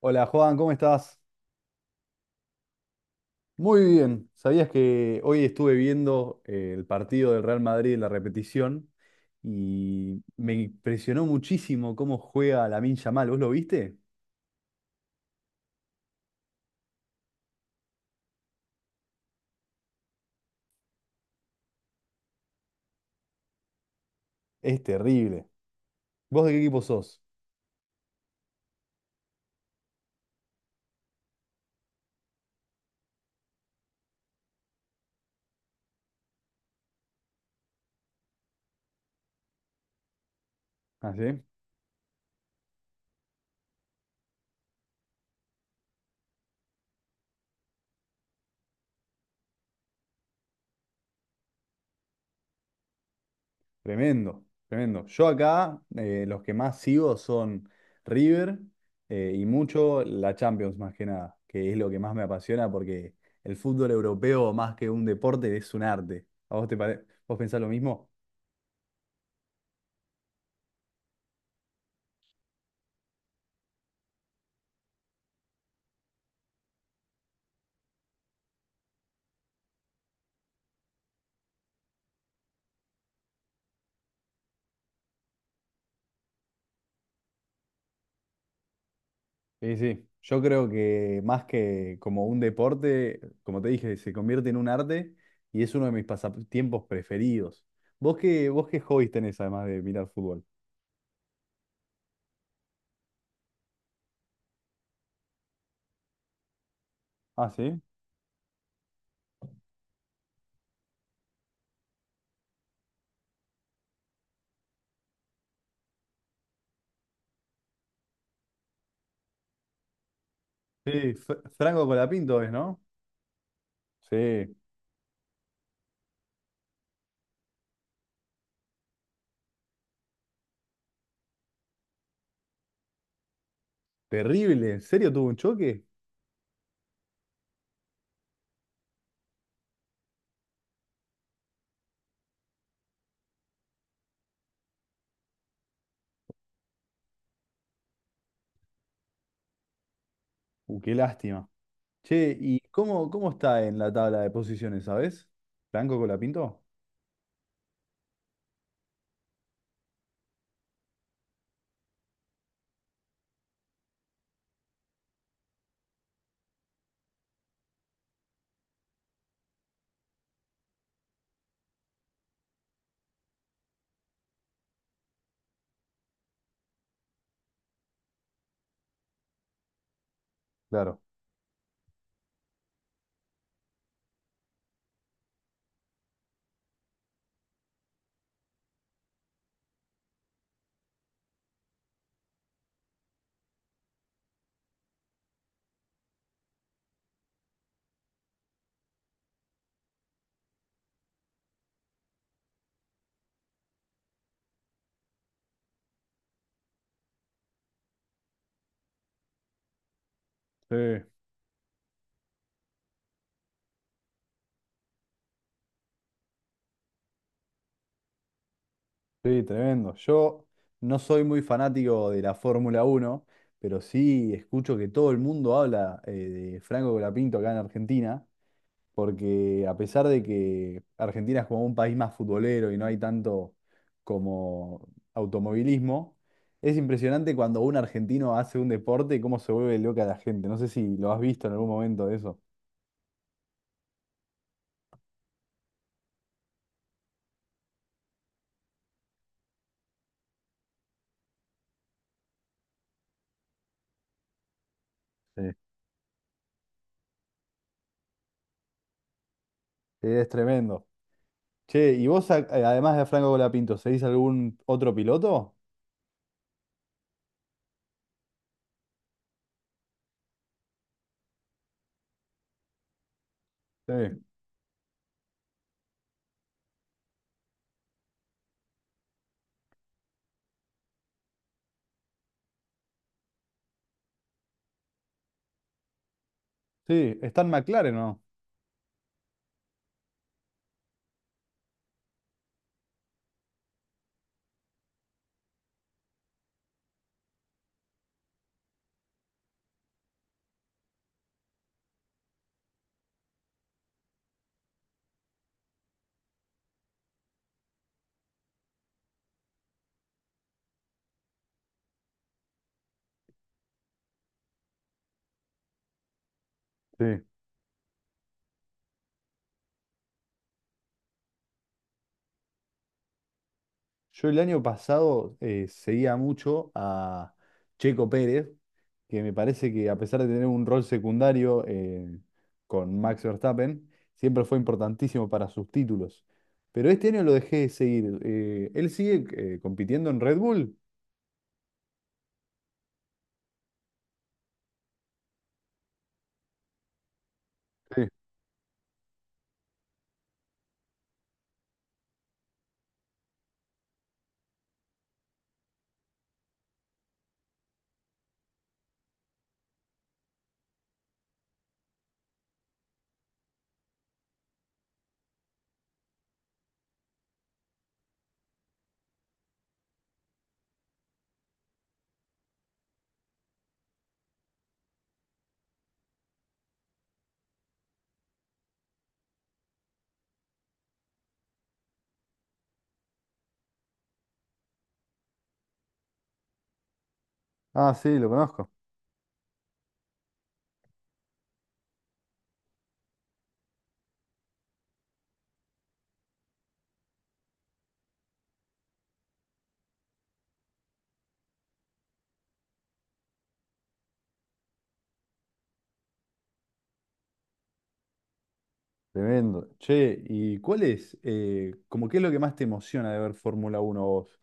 Hola Juan, ¿cómo estás? Muy bien. ¿Sabías que hoy estuve viendo el partido del Real Madrid en la repetición y me impresionó muchísimo cómo juega Lamine Yamal? ¿Vos lo viste? Es terrible. ¿Vos de qué equipo sos? Ah, sí. Tremendo, tremendo. Yo acá los que más sigo son River y mucho la Champions más que nada, que es lo que más me apasiona porque el fútbol europeo más que un deporte es un arte. ¿A vos vos pensás lo mismo? Sí, sí. Yo creo que más que como un deporte, como te dije, se convierte en un arte y es uno de mis pasatiempos preferidos. ¿Vos qué hobbies tenés además de mirar fútbol? Ah, sí. Sí, Franco Colapinto es, ¿no? Sí. Terrible. ¿En serio tuvo un choque? Qué lástima. Che, ¿y cómo está en la tabla de posiciones, sabés? ¿Franco Colapinto? Claro. Sí. Sí, tremendo. Yo no soy muy fanático de la Fórmula Uno, pero sí escucho que todo el mundo habla de Franco Colapinto acá en Argentina, porque a pesar de que Argentina es como un país más futbolero y no hay tanto como automovilismo, es impresionante cuando un argentino hace un deporte cómo se vuelve loca la gente. No sé si lo has visto en algún momento de eso. Sí. Es tremendo. Che, ¿y vos además de Franco Colapinto, seguís algún otro piloto? Sí. Sí, está en McLaren, ¿no? Sí. Yo el año pasado seguía mucho a Checo Pérez, que me parece que a pesar de tener un rol secundario con Max Verstappen, siempre fue importantísimo para sus títulos. Pero este año lo dejé de seguir. ¿Él sigue compitiendo en Red Bull? Sí. Ah, sí, lo conozco. Tremendo. Che, ¿y cuál es, como qué es lo que más te emociona de ver Fórmula Uno, vos?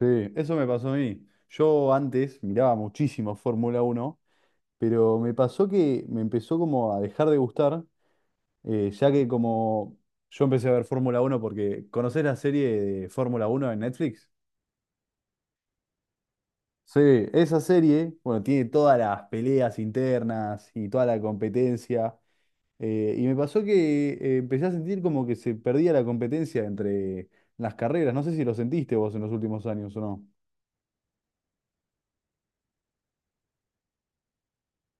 Sí, eso me pasó a mí. Yo antes miraba muchísimo Fórmula Uno, pero me pasó que me empezó como a dejar de gustar, ya que como yo empecé a ver Fórmula Uno porque ¿conocés la serie de Fórmula Uno en Netflix? Sí, esa serie, bueno, tiene todas las peleas internas y toda la competencia. Y me pasó que empecé a sentir como que se perdía la competencia entre las carreras. No sé si lo sentiste vos en los últimos años o no.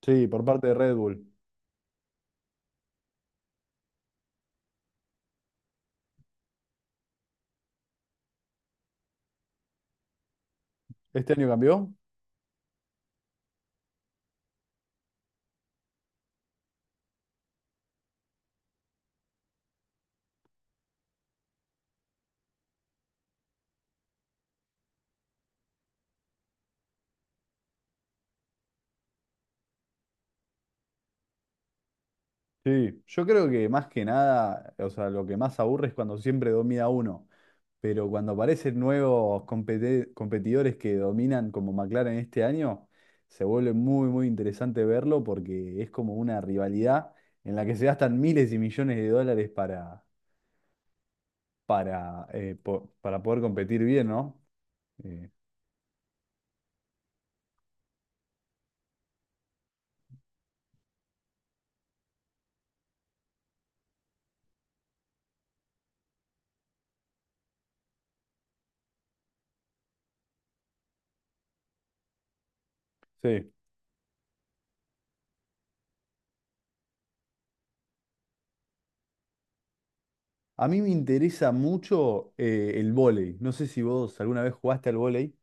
Sí, por parte de Red Bull. ¿Este año cambió? Sí, yo creo que más que nada, o sea, lo que más aburre es cuando siempre domina uno, pero cuando aparecen nuevos competidores que dominan como McLaren este año, se vuelve muy, muy interesante verlo porque es como una rivalidad en la que se gastan miles y millones de dólares para, para poder competir bien, ¿no? Eh, sí. A mí me interesa mucho el vóley. No sé si vos alguna vez jugaste al vóley.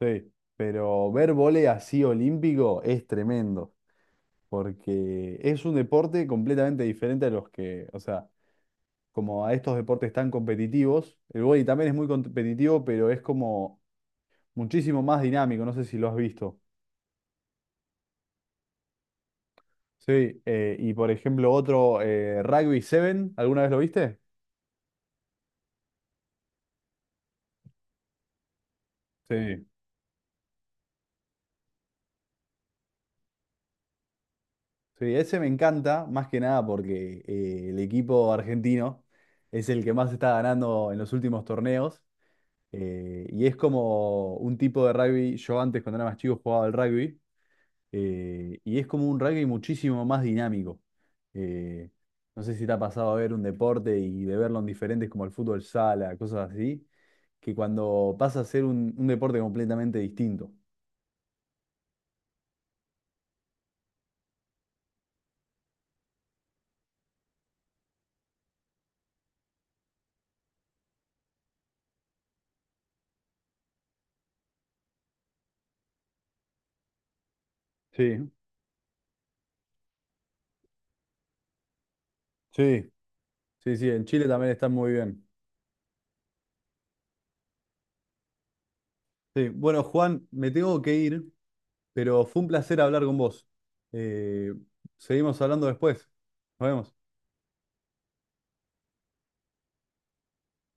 Sí, pero ver vóley así olímpico es tremendo, porque es un deporte completamente diferente a los que, o sea, como a estos deportes tan competitivos, el vóley también es muy competitivo, pero es como muchísimo más dinámico, no sé si lo has visto. Sí, y por ejemplo otro, Rugby 7, ¿alguna vez lo viste? Sí. Sí, ese me encanta, más que nada porque el equipo argentino es el que más está ganando en los últimos torneos. Y es como un tipo de rugby, yo antes cuando era más chico jugaba al rugby, y es como un rugby muchísimo más dinámico. Eh, no sé si te ha pasado a ver un deporte y de verlo en diferentes como el fútbol sala, cosas así, que cuando pasa a ser un deporte completamente distinto. Sí, sí, sí, sí, en Chile también están muy bien. Sí, bueno, Juan, me tengo que ir, pero fue un placer hablar con vos. Eh, seguimos hablando después. Nos vemos.